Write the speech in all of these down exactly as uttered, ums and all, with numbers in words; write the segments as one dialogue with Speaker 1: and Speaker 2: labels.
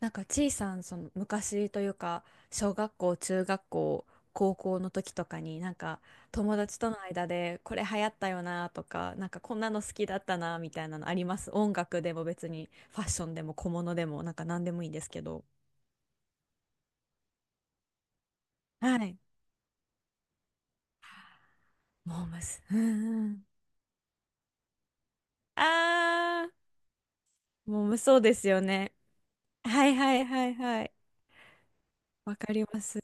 Speaker 1: なんかちいさん、その昔というか、小学校、中学校、高校の時とかに、なんか友達との間でこれ流行ったよなとか、なんかこんなの好きだったなみたいなのあります？音楽でも別にファッションでも小物でも、なんか何でもいいんですけど。はい。モームス、うんうん。あー、モームそうですよね。はいはいはいはい。わかります。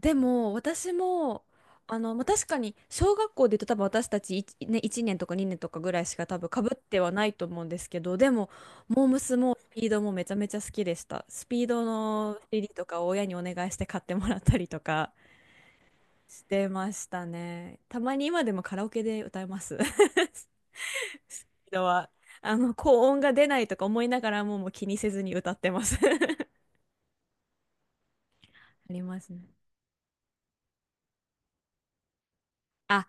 Speaker 1: でも私もあの、まあ、確かに小学校で言うと、多分私たちいちね、いちねんとかにねんとかぐらいしか多分かぶってはないと思うんですけど、でもモームスもスピードもめちゃめちゃ好きでした。スピードの シーディー とかを親にお願いして買ってもらったりとかしてましたね。たまに今でもカラオケで歌います。 スピードは、あの高音が出ないとか思いながらも、もう気にせずに歌ってます。 ありますね。あ、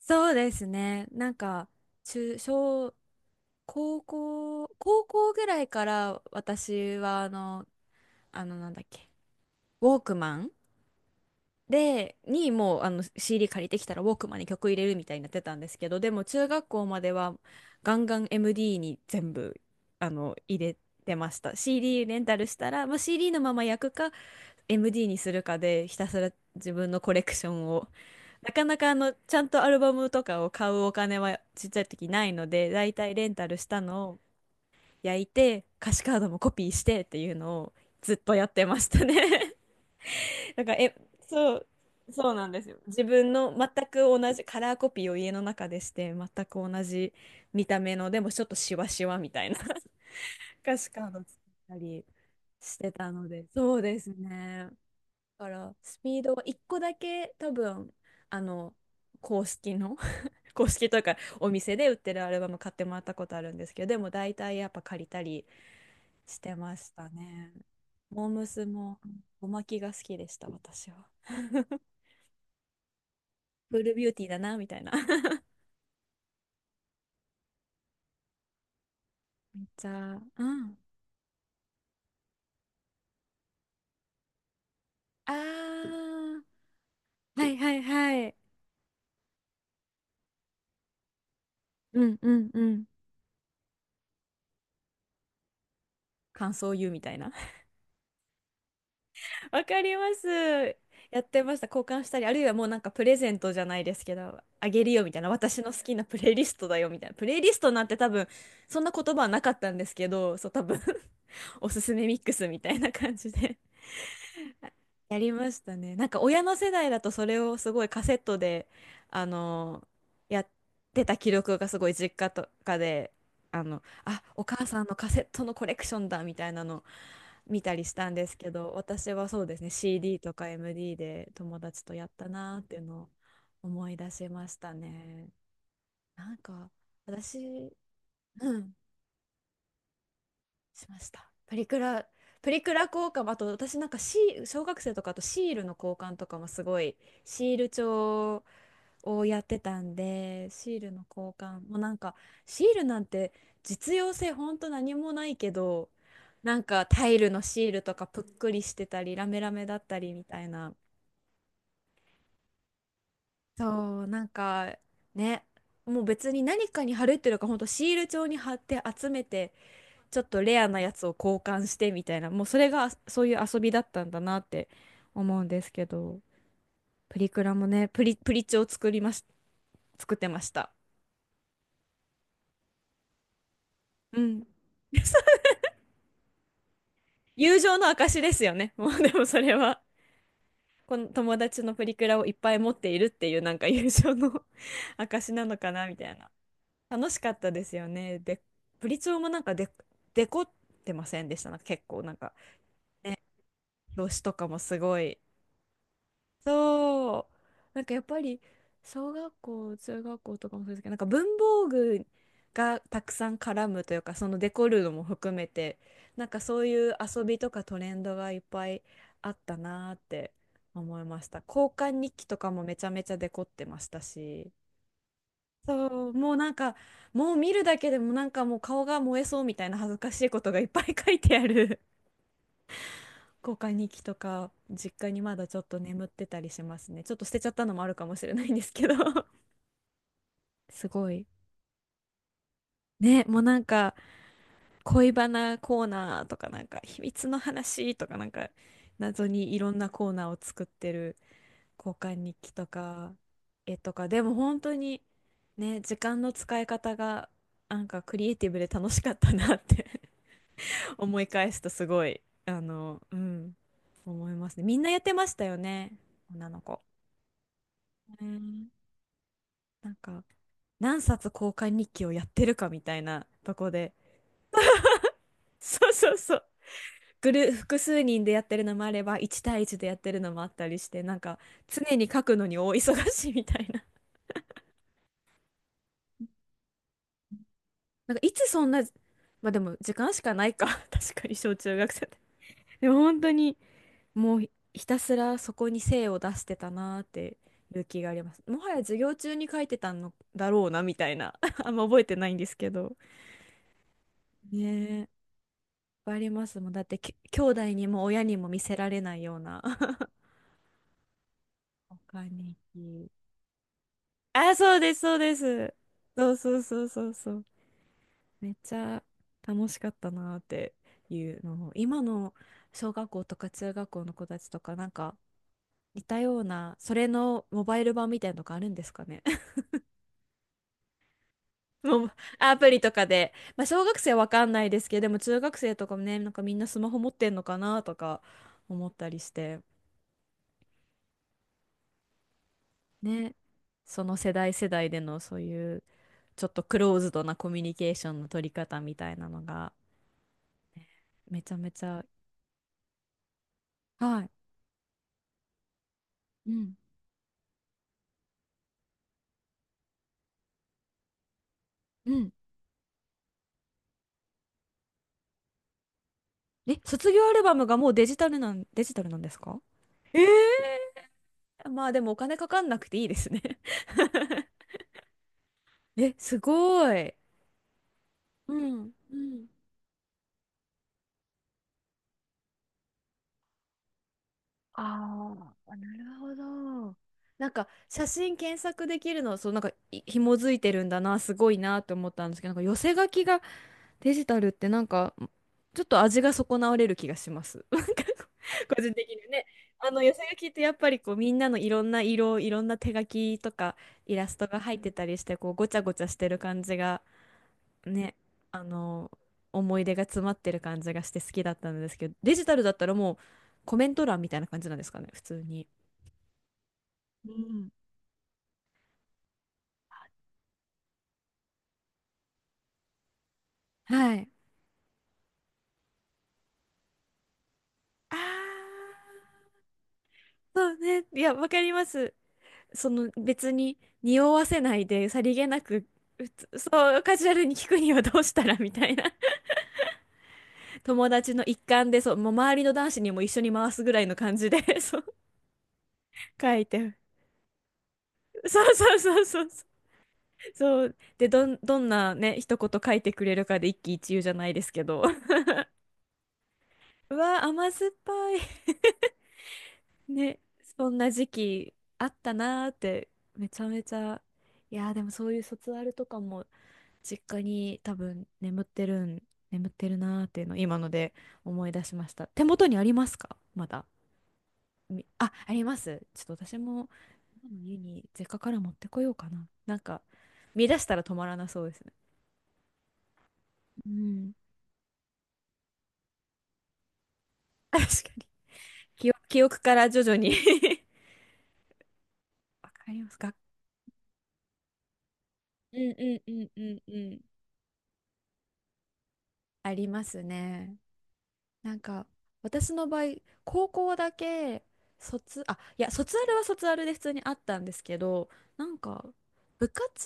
Speaker 1: そうですね。なんか、中、小、高校、高校ぐらいから私はあの、あのなんだっけ、ウォークマンで、にもうあの シーディー 借りてきたらウォークマンに曲入れるみたいになってたんですけど、でも中学校まではガンガン エムディー に全部あの入れてました。CD レンタルしたら、まあ、CD のまま焼くか エムディー にするかで、ひたすら自分のコレクションを、なかなかあの、ちゃんとアルバムとかを買うお金はちっちゃい時ないので、だいたいレンタルしたのを焼いて、歌詞カードもコピーしてっていうのをずっとやってましたね。だから、え、そう、そうなんですよ。自分の全く同じカラーコピーを家の中でして、全く同じ見た目の、でもちょっとシワシワみたいな 歌詞カード作ったりしてたので、そうですね。だから、スピードは一個だけ多分、あの、公式の公式というか、お店で売ってるアルバム買ってもらったことあるんですけど、でも大体やっぱ借りたりしてましたね。モームスもおまきが好きでした、私は。 フールビューティーだなみたいな。 じゃあ、うん。あー、はいはいはい。うんうんうん。感想を言うみたいな。 わかります。やってました。交換したり、あるいはもうなんかプレゼントじゃないですけど、あげるよみたいな、私の好きなプレイリストだよみたいな。プレイリストなんて多分、そんな言葉はなかったんですけど、そう、多分 おすすめミックスみたいな感じでやりましたね。なんか親の世代だとそれをすごいカセットで、あのやってた記録がすごい実家とかで、あの、あ、お母さんのカセットのコレクションだみたいなの見たりしたんですけど、私はそうですね、シーディー とか エムディー で友達とやったなーっていうのを思い出しましたね。なんか、私、うん、しました。プリクラ、プリクラ交換、あと私なんかシー、小学生とか、あとシールの交換とかもすごい、シール帳をやってたんで、シールの交換、もうなんか、シールなんて実用性ほんと何もないけど、なんかタイルのシールとかぷっくりしてたり、ラメラメだったりみたいな。そう、なんか、ね、もう別に何かに貼るっていうよりか、ほんとシール帳に貼って集めて、ちょっとレアなやつを交換してみたいな、もうそれがそういう遊びだったんだなって思うんですけど、プリクラもね、プリ、プリチョを作りまし、作ってました。うん。友情の証ですよね、もうでもそれは。この友達のプリクラをいっぱい持っているっていう、なんか友情の 証なのかなみたいな。楽しかったですよね。で、プリチョもなんかデ、デコってませんでした？なんか結構なんか表紙とかもすごい、そう。なんかやっぱり小学校、中学校とかもそうですけど、なんか文房具がたくさん絡むというか、そのデコるのも含めて、なんかそういう遊びとかトレンドがいっぱいあったなーって思いました。交換日記とかもめちゃめちゃデコってましたし。そう、もうなんか、もう見るだけでもなんかもう顔が燃えそうみたいな、恥ずかしいことがいっぱい書いてある交換日記とか実家にまだちょっと眠ってたりしますね。ちょっと捨てちゃったのもあるかもしれないんですけど。 すごい。ね、もうなんか恋バナコーナーとか、なんか秘密の話とか、なんか謎にいろんなコーナーを作ってる交換日記とか、絵とかでも本当に、ね、時間の使い方がなんかクリエイティブで楽しかったなって 思い返すとすごいあの、うん、思いますね。みんなやってましたよね、女の子。ね、なんか、何冊交換日記をやってるかみたいな とこで。そうそうそう。グル、複数人でやってるのもあれば、いち対いちでやってるのもあったりして、なんか、常に書くのに大忙しいみたいな。なんか、いつそんな、まあでも、時間しかないか。確かに、小中学生って。でも、本当に、もう、ひたすらそこに精を出してたなーっていう気があります。もはや授業中に書いてたのだろうな、みたいな。あんま覚えてないんですけど。ね、ぱいありますもん。だってき、兄弟にも親にも見せられないような。他に。あ、そうです、そうです。そうそうそうそうそう。めっちゃ楽しかったなっていうのを、今の小学校とか中学校の子たちとか、なんか似たような、それのモバイル版みたいなのがあるんですかね。もうアプリとかで。まあ、小学生はわかんないですけど、でも中学生とかもね、なんかみんなスマホ持ってんのかなとか思ったりして。ね、その世代世代でのそういうちょっとクローズドなコミュニケーションの取り方みたいなのがねめちゃめちゃ。はい。うん。うん。え、卒業アルバムがもうデジタルなん、デジタルなんですか？ええー、まあでもお金かかんなくていいですね。 え、すごい。うん。うん。ああ、なるほど。なんか写真検索できるの、そう、なんか、い、紐づいてるんだな、すごいなって思ったんですけど、なんか寄せ書きがデジタルってなんかちょっと味が損なわれる気がします。なんか個人的にね、あの寄せ書きってやっぱりこうみんなのいろんな色、いろんな手書きとかイラストが入ってたりしてこうごちゃごちゃしてる感じがね、あの、思い出が詰まってる感じがして好きだったんですけど、デジタルだったらもうコメント欄みたいな感じなんですかね、普通に。うん。はい。ああ、そうね。いや、わかります。その別に匂わせないでさりげなく、うつ、そう、カジュアルに聞くにはどうしたらみたいな。友達の一環で、そう、もう周りの男子にも一緒に回すぐらいの感じで、そう、書いて。そうそうそうそう。そう。で、どん、どんなね、一言書いてくれるかで一喜一憂じゃないですけど。うわ、甘酸っぱい。ね、そんな時期あったなーってめちゃめちゃいやーでもそういう卒アルとかも実家に多分眠ってるん眠ってるなーっていうのを今ので思い出しました。手元にありますか、まだ？みああります。ちょっと私も今の家に実家から持ってこようかな。なんか見出したら止まらなそうですね。うん。 確かに。記憶、記憶から徐々に。 わかりますか、うんうんうんうんうん。ありますね。なんか私の場合高校だけ、卒あいや卒アルは卒アルで普通にあったんですけど、なんか部活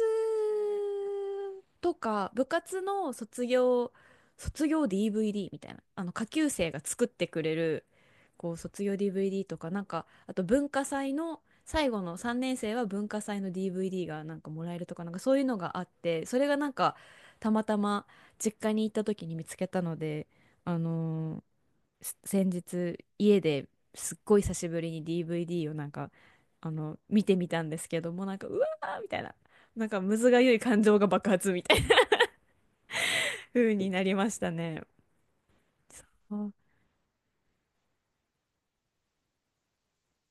Speaker 1: とか部活の卒業卒業 ディーブイディー みたいな、あの下級生が作ってくれる、こう卒業 ディーブイディー とか、なんかあと文化祭の最後のさんねん生は文化祭の ディーブイディー がなんかもらえるとか、なんかそういうのがあって、それがなんかたまたま実家に行った時に見つけたので。あのー、す先日家ですっごい久しぶりに ディーブイディー をなんか、あの見てみたんですけども、なんかうわーみたいな、なんかむずがゆい感情が爆発みたいな 風になりましたね。そう、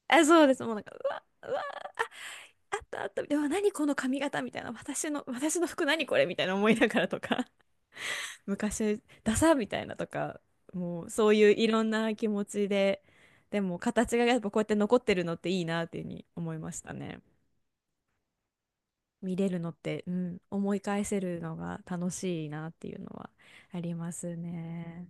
Speaker 1: あ、そうです。もうなんかうわうわあったあった、でも何この髪型みたいな、私の私の服何これみたいな思いながらとか 昔ダサみたいなとか、もうそういういろんな気持ちで、でも形がやっぱこうやって残ってるのっていいなっていうふうに思いましたね。見れるのって、うん、思い返せるのが楽しいなっていうのはありますね。